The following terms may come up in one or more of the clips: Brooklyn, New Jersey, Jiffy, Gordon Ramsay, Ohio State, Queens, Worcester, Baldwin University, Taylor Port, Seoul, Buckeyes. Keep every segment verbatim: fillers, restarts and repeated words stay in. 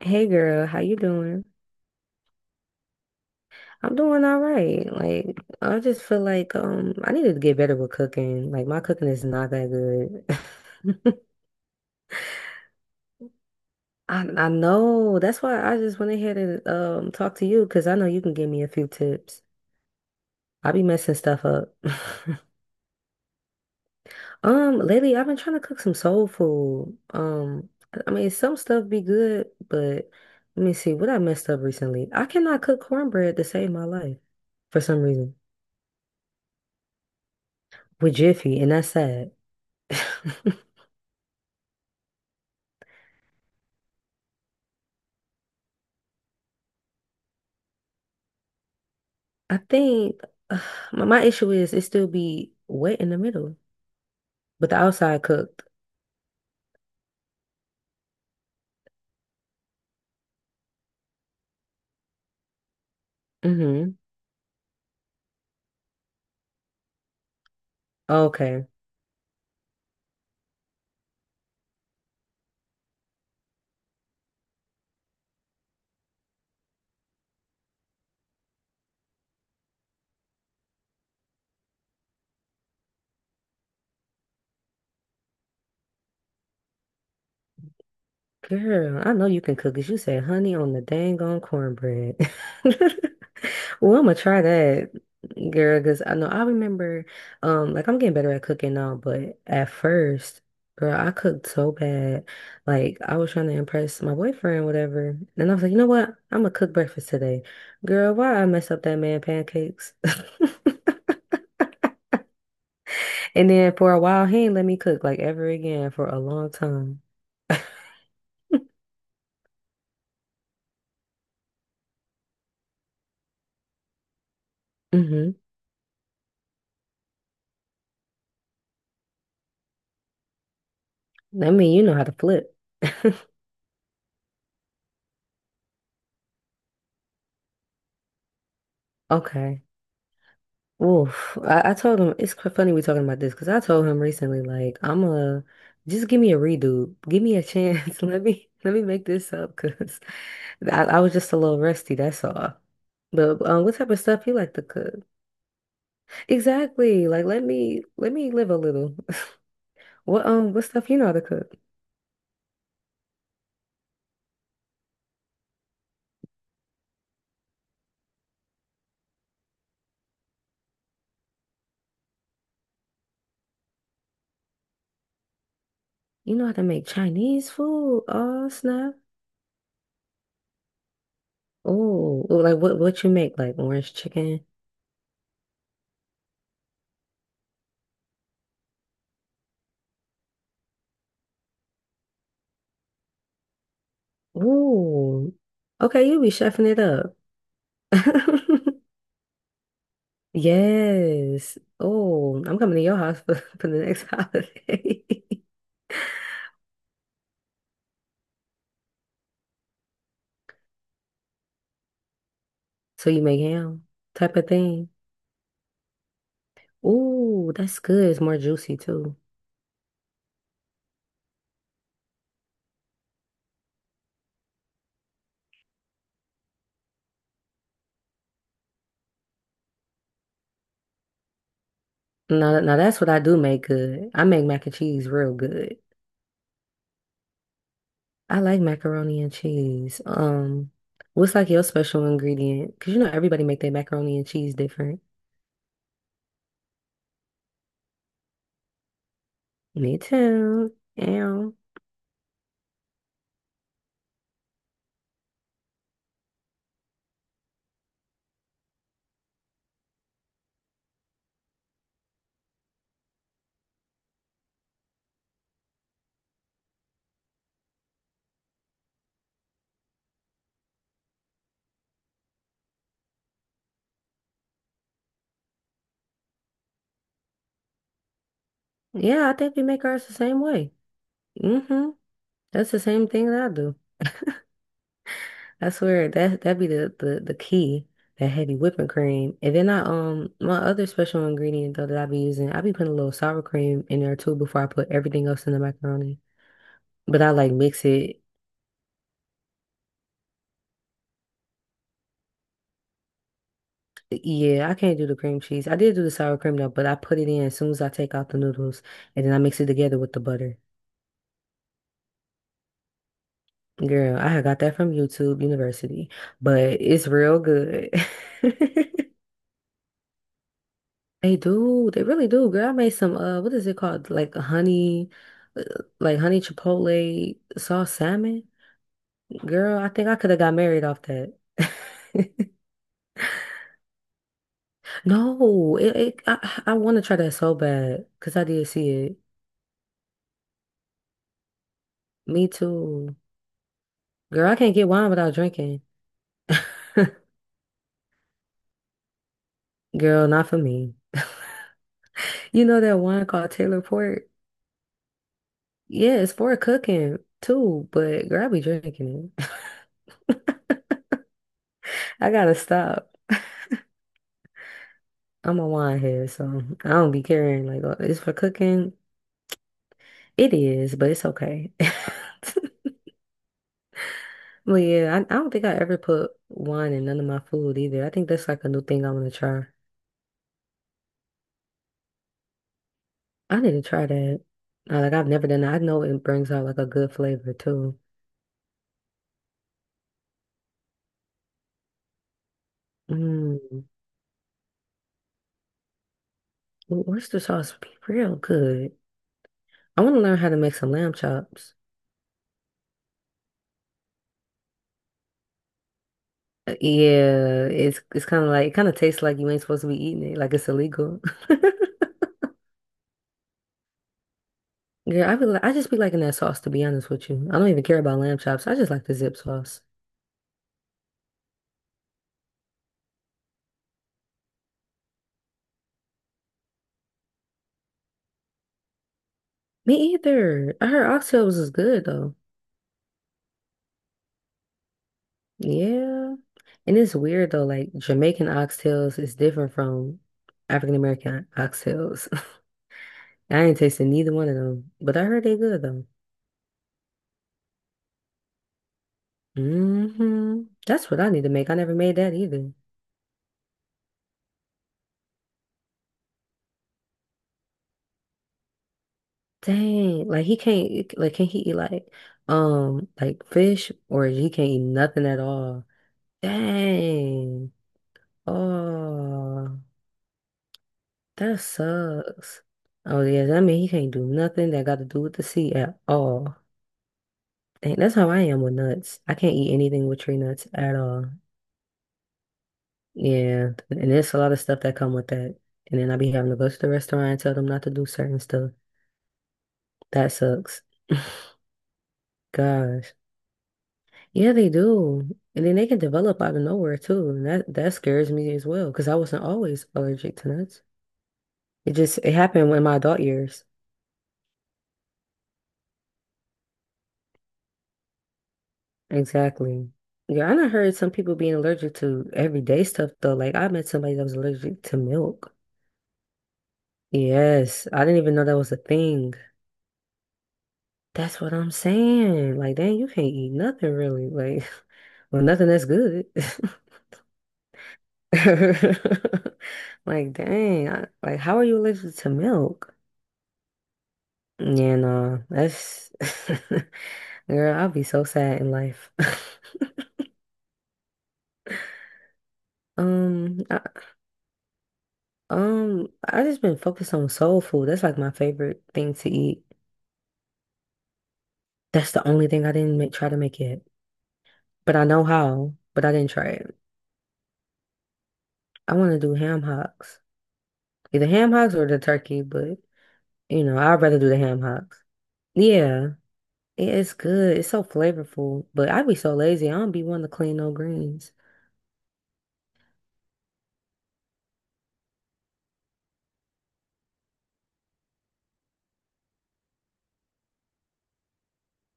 Hey girl, how you doing? I'm doing all right. Like I just feel like um I needed to get better with cooking. Like my cooking is not that good. I I know. That's why I just went ahead and um talk to you because I know you can give me a few tips. I be messing stuff up. Um, lately I've been trying to cook some soul food. Um, I mean some stuff be good, but let me see what I messed up recently. I cannot cook cornbread to save my life for some reason with Jiffy, and that's sad. I think uh, my, my issue is it still be wet in the middle, but the outside cooked. Mm-hmm. Okay. Girl, I know you can cook cook 'cause you said honey on the dang on cornbread. Well, I'm gonna try that, girl, because I know I remember, um, like I'm getting better at cooking now, but at first, girl, I cooked so bad. Like I was trying to impress my boyfriend, whatever. And I was like, you know what? I'm gonna cook breakfast today. Girl, why I mess up that man pancakes? And then for a while, he ain't let me cook like ever again for a long time. Mm-hmm. I mean, you know how to flip. Okay. Oof. I, I told him it's cr- funny we talking about this because I told him recently, like, I'm a just give me a redo, give me a chance. Let me let me make this up because I, I was just a little rusty. That's all. But um, what type of stuff you like to cook? Exactly. Like, let me let me live a little. What um, what stuff you know how to cook? You know how to make Chinese food? Oh snap! Oh, like what what you make? Like orange chicken? Ooh. Okay, you be chefing it up. Yes. Oh, I'm coming to your house for, for the next holiday. So you make ham type of thing. Ooh, that's good. It's more juicy too. Now, now that's what I do make good. I make mac and cheese real good. I like macaroni and cheese. Um, what's like your special ingredient? Because you know everybody make their macaroni and cheese different. Me too. Yeah. Yeah, I think we make ours the same way. Mm-hmm. That's the same thing that I do. I swear that that'd be the, the the key, that heavy whipping cream. And then I um my other special ingredient though that I be using, I be putting a little sour cream in there too before I put everything else in the macaroni. But I like mix it. Yeah, I can't do the cream cheese. I did do the sour cream though, but I put it in as soon as I take out the noodles and then I mix it together with the butter. Girl, I had got that from YouTube University, but it's real good. They do. They really do. Girl, I made some uh what is it called? Like a honey uh, like honey chipotle sauce salmon. Girl, I think I could have got married off that. No, it, it I I want to try that so bad because I did see it. Me too. Girl, I can't get wine without drinking. Girl, not for me. You know that wine called Taylor Port? Yeah, it's for cooking too, but girl, I be drinking it. I gotta stop. I'm a wine head, so I don't be caring. Like, uh, it's for cooking. It is, but it's okay. But yeah, I, I don't think I ever put wine in none of my food either. I think that's like a new thing I want to try. I need to try that. Uh, Like, I've never done that. I know it brings out like a good flavor too. Mm. w- Worcester sauce would be real good. I want to learn how to make some lamb chops. Uh, Yeah, it's it's kind of like it kind of tastes like you ain't supposed to be eating it, like it's illegal. Yeah, I be like I just be liking that sauce to be honest with you. I don't even care about lamb chops. I just like the zip sauce. Me either. I heard oxtails is good though. Yeah. And it's weird though, like Jamaican oxtails is different from African American oxtails. I ain't tasted neither one of them, but I heard they good though. Hmm That's what I need to make. I never made that either. Dang, like he can't like can he eat like um like fish or he can't eat nothing at all. Dang. Oh, that sucks. Oh yeah, that mean he can't do nothing that got to do with the sea at all. And that's how I am with nuts. I can't eat anything with tree nuts at all. Yeah, and there's a lot of stuff that come with that. And then I be having to go to the restaurant and tell them not to do certain stuff. That sucks. Gosh. Yeah, they do. And then they can develop out of nowhere too. And that that scares me as well because I wasn't always allergic to nuts. It just it happened in my adult years. Exactly. Yeah, I done heard some people being allergic to everyday stuff though. Like I met somebody that was allergic to milk. Yes, I didn't even know that was a thing. That's what I'm saying. Like, dang, you can't eat nothing really. Like, well, nothing that's good. Like, dang, I, like, how are you allergic to milk? Yeah, no, that's girl. I'll be so sad in life. Um, I, Um, I just been focused on soul food. That's like my favorite thing to eat. That's the only thing I didn't make, try to make yet. But I know how, but I didn't try it. I want to do ham hocks. Either ham hocks or the turkey, but you know, I'd rather do the ham hocks. Yeah, it's good. It's so flavorful, but I'd be so lazy. I don't be wanting to clean no greens.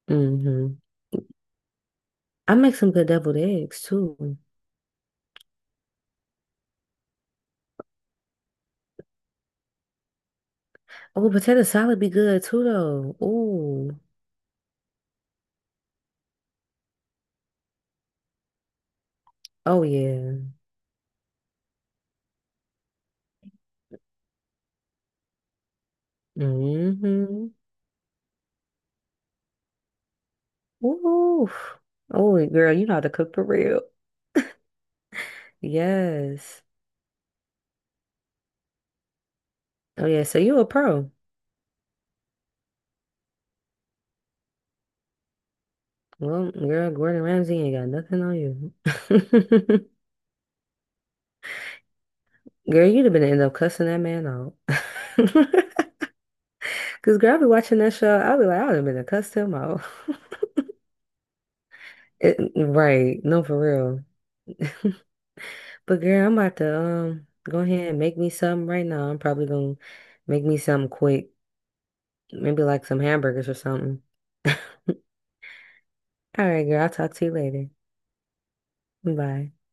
Hmm I make some good deviled eggs too. Oh, potato salad be good too though. Ooh. Oh yeah. hmm Ooh. Oh, girl, you know how to cook for real. Yes. Oh, yeah. So you a pro. Well, girl, Gordon Ramsay ain't got nothing on you. Girl, you'd have been end up cussing that man out. Because, girl, I be watching that show. I'll be like, I would have been to cuss him out. It, right. No, for real. But, girl, I'm about to um go ahead and make me something right now. I'm probably going to make me something quick. Maybe like some hamburgers or something. All right, girl. I'll talk to you later. Bye.